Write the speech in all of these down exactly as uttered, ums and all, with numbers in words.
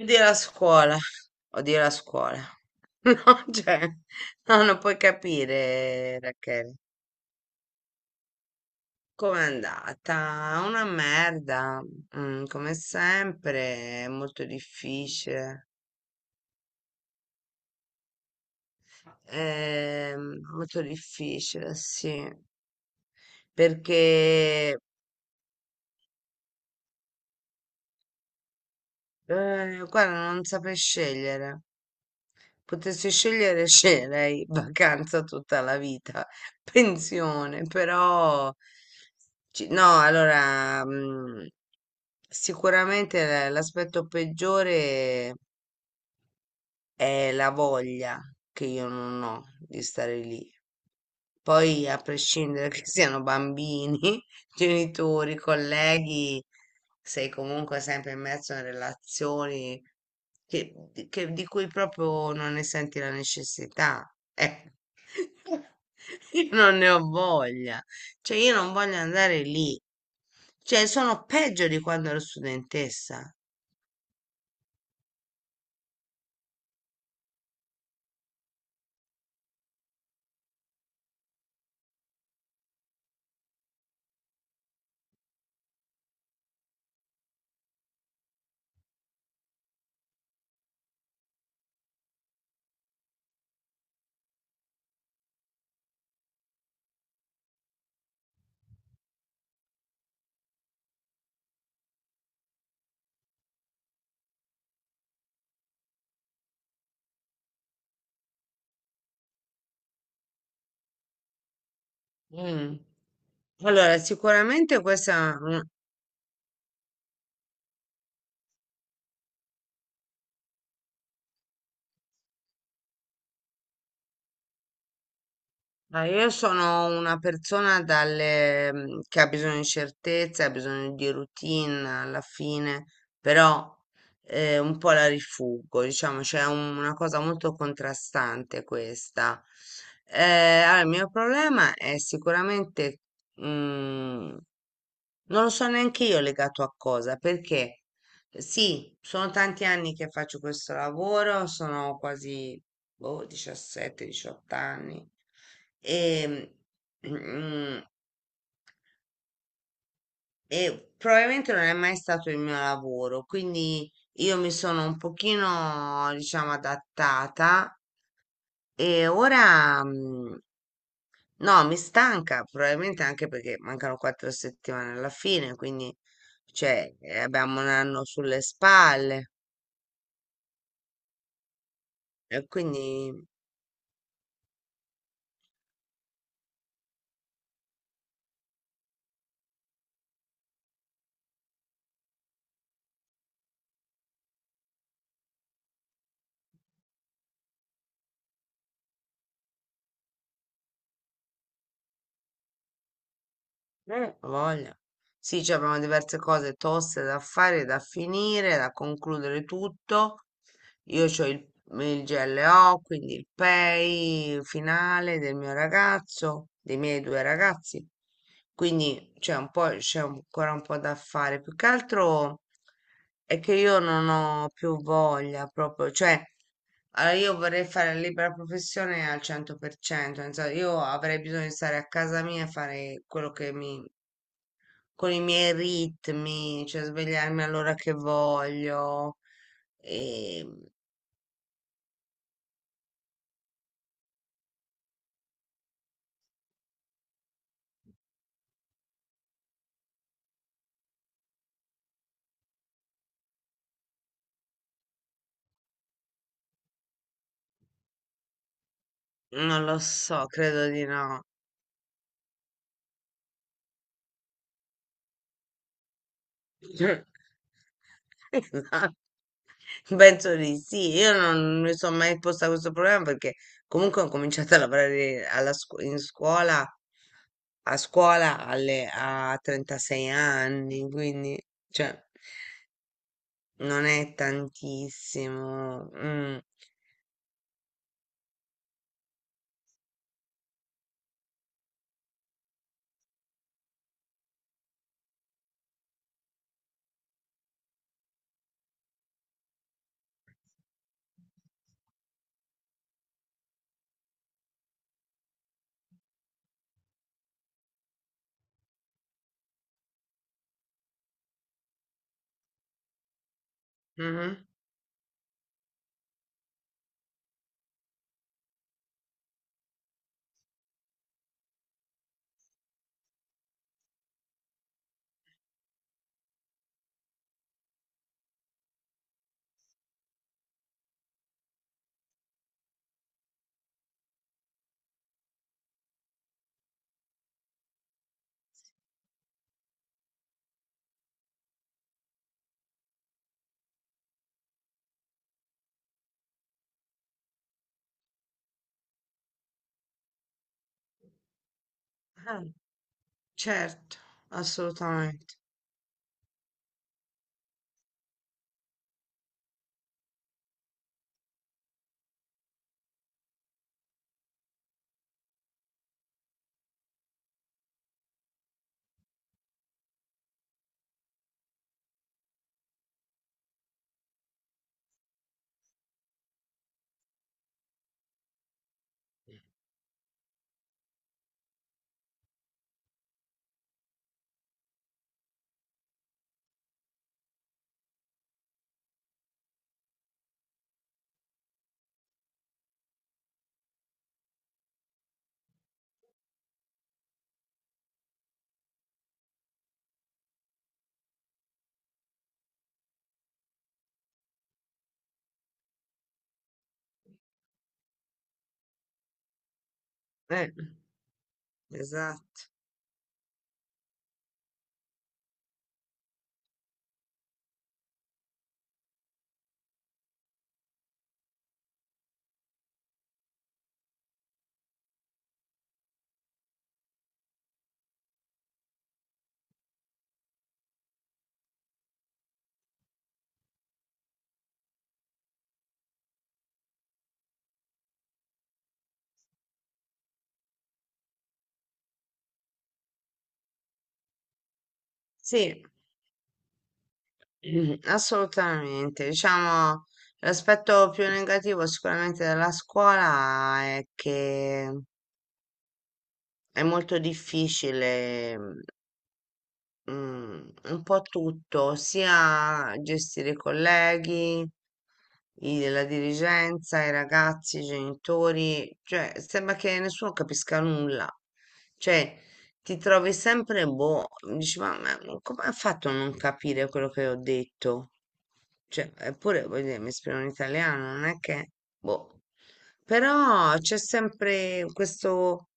Odio la scuola, odio la scuola. No, cioè, no, non puoi capire, Rachele. Com'è andata? Una merda, mm, come sempre, è molto difficile. Ehm, molto difficile, sì, perché, eh, guarda, non saprei scegliere. Potessi scegliere, sceglierei vacanza tutta la vita, pensione, però ci- no, allora, mm, sicuramente la- l'aspetto peggiore è la voglia che io non ho di stare lì. Poi, a prescindere che siano bambini, genitori, colleghi, sei comunque sempre immerso in relazioni che, di che- di cui proprio non ne senti la necessità. Eh. Io non ne ho voglia. Cioè, io non voglio andare lì. Cioè, sono peggio di quando ero studentessa. Mm. Allora, sicuramente questa è un- ma io sono una persona dalle, mm, che ha bisogno di certezze, ha bisogno di routine alla fine, però, eh, un po' la rifuggo, diciamo, c'è un- una cosa molto contrastante questa. Eh, allora, il mio problema è sicuramente, mm, non lo so neanche io legato a cosa, perché sì, sono tanti anni che faccio questo lavoro, sono quasi boh, diciassette diciotto anni. E, mm, e probabilmente non è mai stato il mio lavoro, quindi io mi sono un pochino, diciamo, adattata e ora, mm, no, mi stanca, probabilmente anche perché mancano quattro settimane alla fine, quindi, cioè, eh, abbiamo un anno sulle spalle e quindi Eh, ho voglia. Sì, ci abbiamo diverse cose toste da fare, da finire, da concludere tutto. Io ho il, il G L O, quindi il pay finale del mio ragazzo, dei miei due ragazzi. Quindi c'è un po', c'è ancora un po' da fare. Più che altro è che io non ho più voglia proprio, cioè, allora io vorrei fare la libera professione al cento per cento, nel senso, io avrei bisogno di stare a casa mia e fare quello che mi con i miei ritmi, cioè svegliarmi all'ora che voglio. E non lo so, credo di no. Esatto, penso di sì. Io non mi sono mai posta questo problema perché comunque ho cominciato a lavorare alla scu- in scuola, a scuola alle, a trentasei anni, quindi, cioè, non è tantissimo. Mm. Mhm. Ah, certo, assolutamente. Eh, esatto, sì. Assolutamente. Diciamo, l'aspetto più negativo sicuramente della scuola è che è molto difficile, mm, un po' tutto, sia gestire i colleghi, i- la dirigenza, i ragazzi, i genitori, cioè sembra che nessuno capisca nulla. Cioè, ti trovi sempre boh, dici, ma, ma come ha fatto a non capire quello che ho detto? Cioè, eppure, voglio dire, mi esprimo in italiano, non è che, boh. Però c'è sempre questo,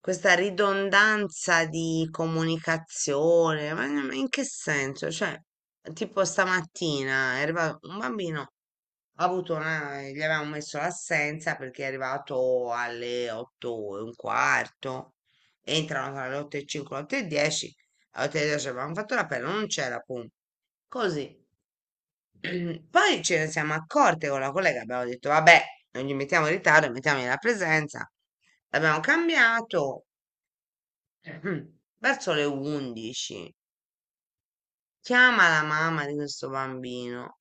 questa ridondanza di comunicazione, ma in in che senso? Cioè, tipo stamattina è arrivato un bambino, ha avuto una, gli avevamo messo l'assenza perché è arrivato alle otto e un quarto, entrano tra le otto e cinque e le otto e dieci, alle otto e dieci avevamo fatto l'appello, non c'era punto. Così. Poi ce ne siamo accorte con la collega, abbiamo detto vabbè, non gli mettiamo in ritardo, mettiamo la presenza. L'abbiamo cambiato verso le undici. Chiama la mamma di questo bambino.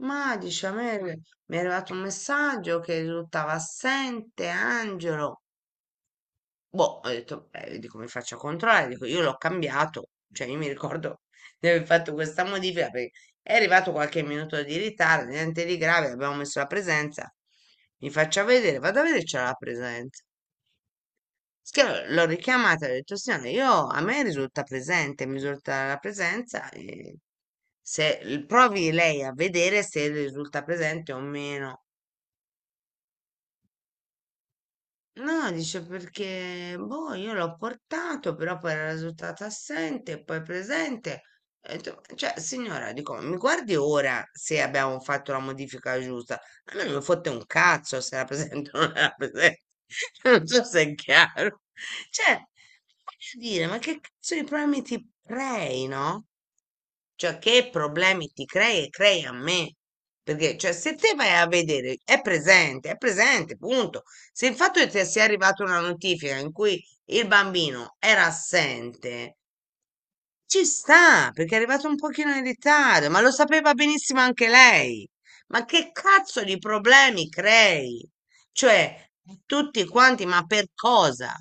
Ma dice, a me mi è arrivato un messaggio che risultava assente Angelo. Boh, ho detto, beh, vedi come faccio a controllare. Dico, io l'ho cambiato. Cioè, io mi ricordo di aver fatto questa modifica perché è arrivato qualche minuto di ritardo, niente di grave, abbiamo messo la presenza. Mi faccia vedere, vado a vedere se c'era la presenza. Schia- L'ho richiamata, ho detto, signora, io, a me risulta presente, mi risulta la presenza. E se provi lei a vedere se risulta presente o meno. No, dice perché, boh, io l'ho portato, però poi era risultato assente, poi presente. E ho detto, cioè, signora, dico, mi guardi ora se abbiamo fatto la modifica giusta. A me non mi fotte un cazzo se era presente o non era presente. Non so se è chiaro. Cioè, voglio dire, ma che cazzo di problemi ti prei, no? Cioè, che problemi ti crei e crei a me? Perché, cioè, se te vai a vedere, è presente, è presente, punto. Se il fatto che ti sia arrivata una notifica in cui il bambino era assente, ci sta, perché è arrivato un pochino in ritardo, ma lo sapeva benissimo anche lei. Ma che cazzo di problemi crei? Cioè, tutti quanti, ma per cosa?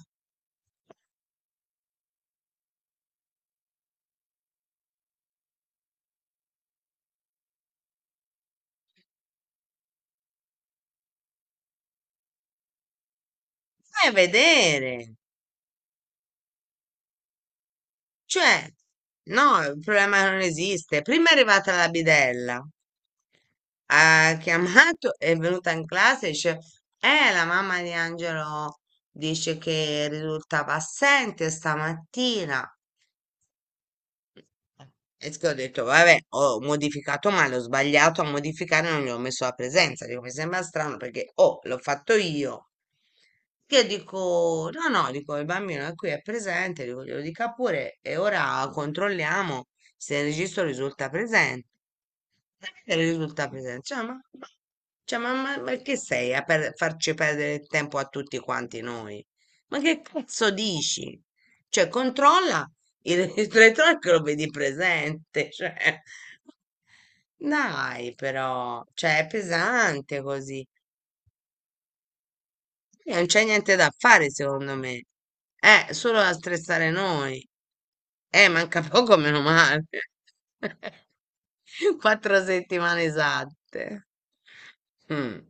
Vai a vedere. Cioè, no, il problema non esiste. Prima è arrivata la bidella, ha chiamato, è venuta in classe e dice, eh, la mamma di Angelo dice che risultava assente stamattina. Eh. E s- che ho detto, vabbè, ho modificato male, ho sbagliato a modificare, non gli ho messo la presenza. Dico, mi sembra strano perché, oh, l'ho fatto io. Che dico, no, no, dico, il bambino è qui, è presente, dico, glielo dica pure e ora controlliamo se il registro risulta presente. E risulta pesante. Cioè, ma, ma- cioè, ma- ma- ma che sei a per- farci perdere il tempo a tutti quanti noi? Ma che cazzo dici? Cioè, controlla il retrotrack che lo vedi presente. Cioè, dai, però, cioè, è pesante così. E non c'è niente da fare, secondo me. Eh, solo da stressare noi. Eh, manca poco, meno male. Quattro settimane esatte. Mm.